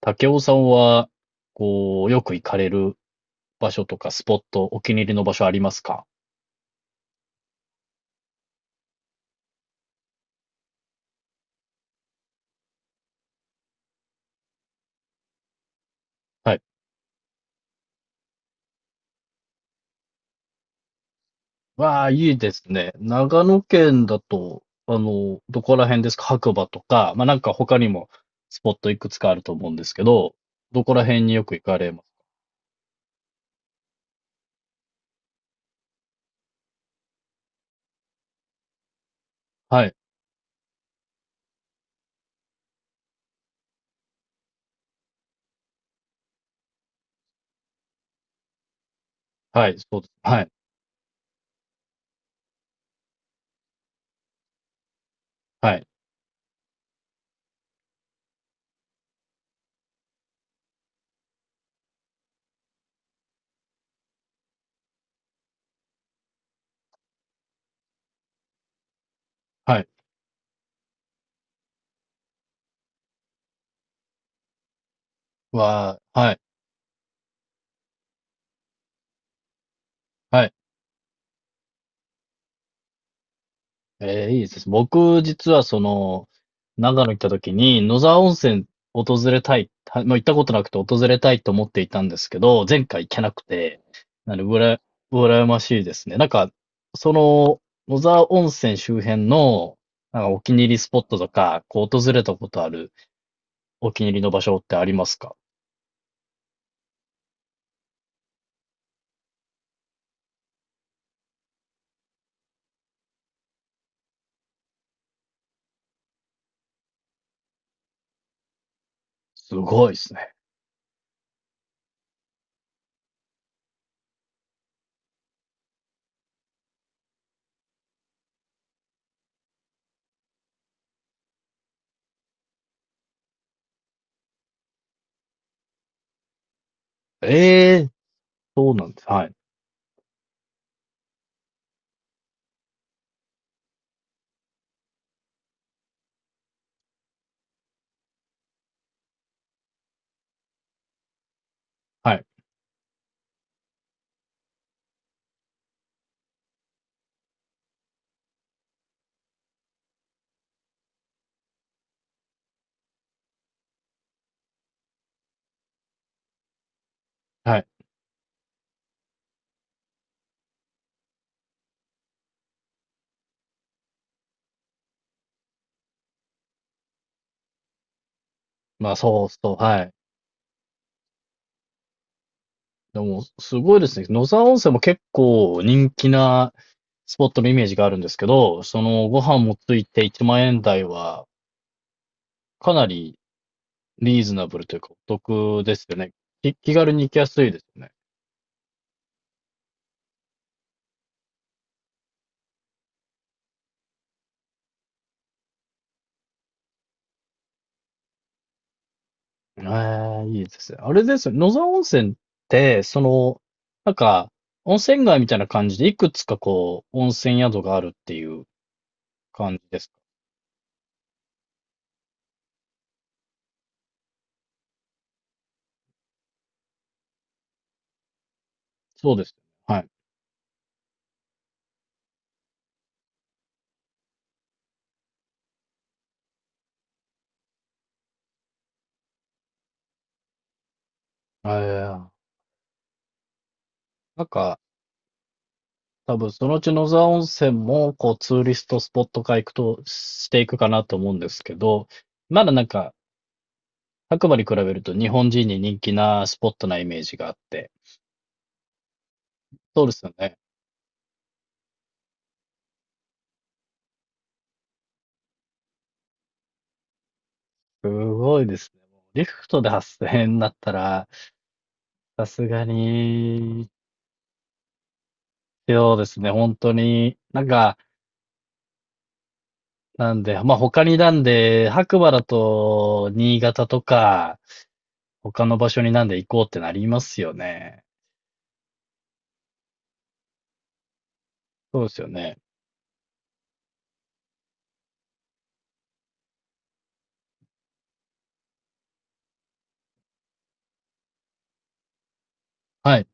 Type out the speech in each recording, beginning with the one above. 武雄さんは、こう、よく行かれる場所とかスポット、お気に入りの場所ありますか？はい。わあ、いいですね。長野県だと、どこら辺ですか？白馬とか、まあ、なんか他にもスポットいくつかあると思うんですけど、どこら辺によく行かれます？はい。はい。そうです。はい。はい。はい。わあ、はい。はい。ええ、いいですね。僕、実は長野行った時に、野沢温泉訪れたい、はまあ、行ったことなくて訪れたいと思っていたんですけど、前回行けなくて、なので、羨ましいですね。なんか、その、野沢温泉周辺の、なんかお気に入りスポットとか、こう訪れたことあるお気に入りの場所ってありますか？すごいですね。ええ、そうなんです。はい。はい。はい。まあ、そうそう、はい。でも、すごいですね。野沢温泉も結構人気なスポットのイメージがあるんですけど、ご飯もついて1万円台は、かなりリーズナブルというか、お得ですよね。気軽に行きやすいですよね。ええ、いいですね。あれですよね、野沢温泉って、なんか、温泉街みたいな感じで、いくつかこう、温泉宿があるっていう感じですか？そうです。はい。ええ、なんか、多分そのうち野沢温泉も、こう、ツーリストスポット化行くと、していくかなと思うんですけど、まだなんか、白馬に比べると日本人に人気なスポットなイメージがあって。そうですよね。すごいですね。リフトで発生になだったら、さすがに、そうですね、本当に。なんか、なんで、まあ、他になんで、白馬だと、新潟とか、他の場所になんで行こうってなりますよね。そうですよね。はい。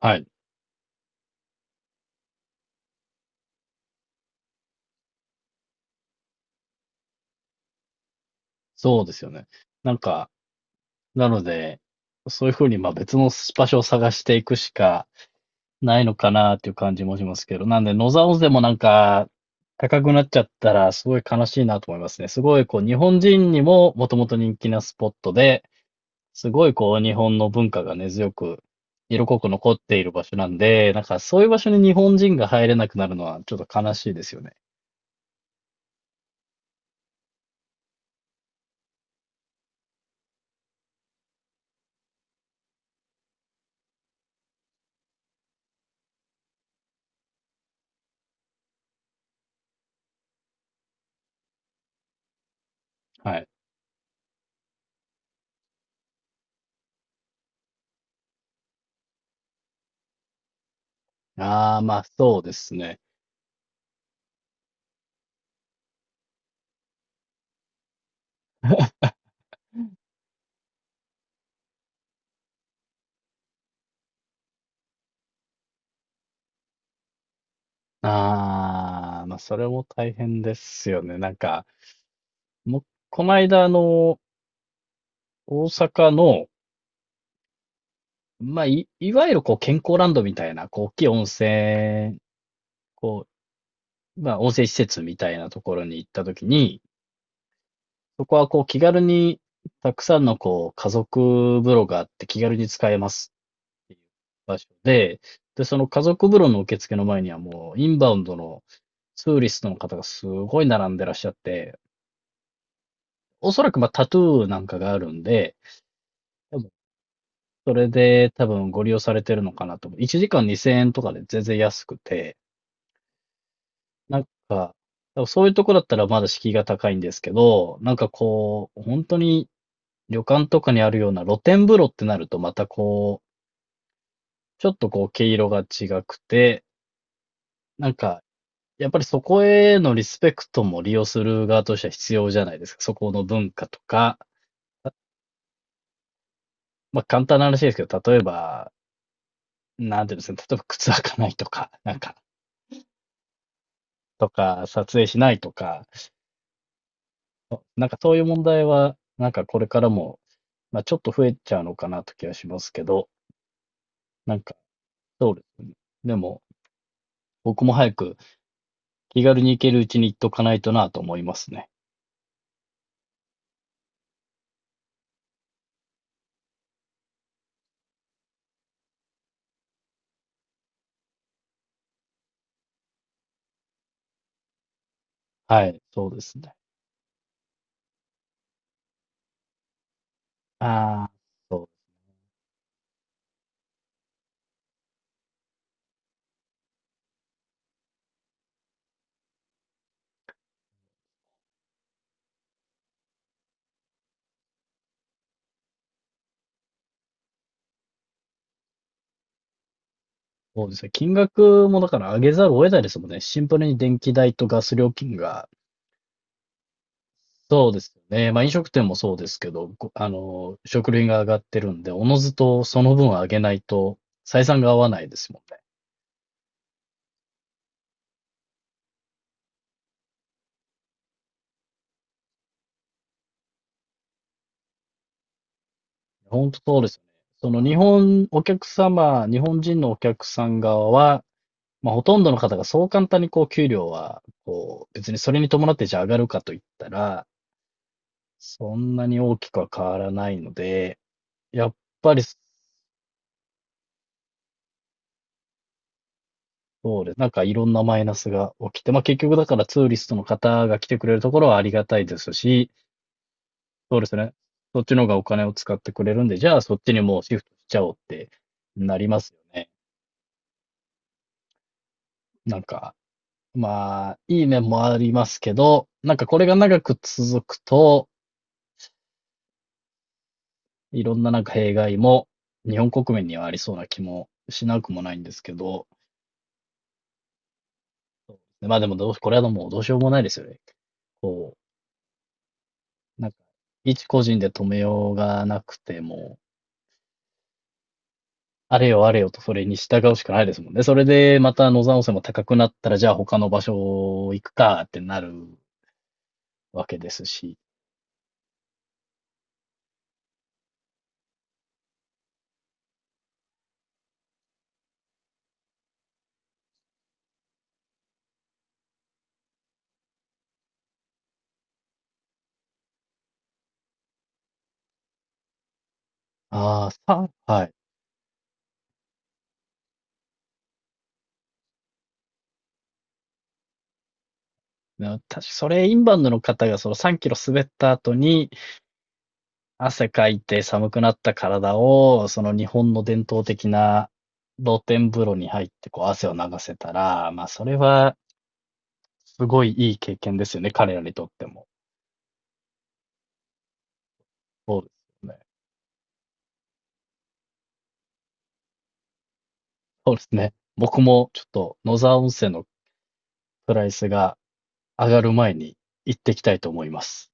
はい。そうですよね。なんか、なので、そういう風に、ま、別の場所を探していくしかないのかなっていう感じもしますけど、なんで、野沢温泉もなんか、高くなっちゃったらすごい悲しいなと思いますね。すごいこう日本人にももともと人気なスポットで、すごいこう日本の文化が根強く、色濃く残っている場所なんで、なんかそういう場所に日本人が入れなくなるのはちょっと悲しいですよね。はい。ああ、ま、そうですね。ああ、まあ、それも大変ですよね。なんか、もう、この間、大阪の、まあ、いわゆるこう、健康ランドみたいな、こう、大きい温泉、こう、まあ、温泉施設みたいなところに行ったときに、そこはこう、気軽に、たくさんのこう、家族風呂があって気軽に使えますっていう場所で、で、その家族風呂の受付の前にはもう、インバウンドのツーリストの方がすごい並んでらっしゃって、おそらくまあ、タトゥーなんかがあるんで、多分それで多分ご利用されてるのかなと思う。1時間2000円とかで全然安くて、なんか、多分そういうとこだったらまだ敷居が高いんですけど、なんかこう、本当に旅館とかにあるような露天風呂ってなるとまたこう、ちょっとこう毛色が違くて、なんか、やっぱりそこへのリスペクトも利用する側としては必要じゃないですか。そこの文化とか、まあ簡単な話ですけど、例えば、なんていうんですかね、例えば靴履かないとか、なんか、とか、撮影しないとか、なんかそういう問題は、なんかこれからも、まあ、ちょっと増えちゃうのかなと気はしますけど、なんか、でも、僕も早く気軽に行けるうちに行っとかないとなと思いますね。はい、そうですね。ああ、そう、そうですね。金額もだから上げざるを得ないですもんね。シンプルに電気代とガス料金が、そうですよね。まあ飲食店もそうですけど、ごあの、食料品が上がってるんで、おのずとその分上げないと採算が合わないですもんね。本当そうですよね。その日本、お客様、日本人のお客さん側は、まあ、ほとんどの方がそう簡単にこう給料は、こう、別にそれに伴ってじゃあ上がるかといったら、そんなに大きくは変わらないので、やっぱりそうです。なんかいろんなマイナスが起きて、まあ結局だからツーリストの方が来てくれるところはありがたいですし、そうですね。そっちの方がお金を使ってくれるんで、じゃあそっちにもうシフトしちゃおうってなりますよね。なんかまあ、いい面もありますけど、なんかこれが長く続くと、いろんななんか弊害も日本国民にはありそうな気もしなくもないんですけど、まあでもどう、これはもうどうしようもないですよね。こう、なんか、一個人で止めようがなくても、あれよあれよとそれに従うしかないですもんね。それでまた野山温泉も高くなったら、じゃあ他の場所行くかってなるわけですし。ああ、はい。確かそれ、インバウンドの方がその3キロ滑った後に汗かいて寒くなった体を、その日本の伝統的な露天風呂に入ってこう汗を流せたら、まあそれはすごいいい経験ですよね、彼らにとっても。そうですよね。そうですね。僕もちょっと野沢温泉のプライスが上がる前に行ってきたいと思います。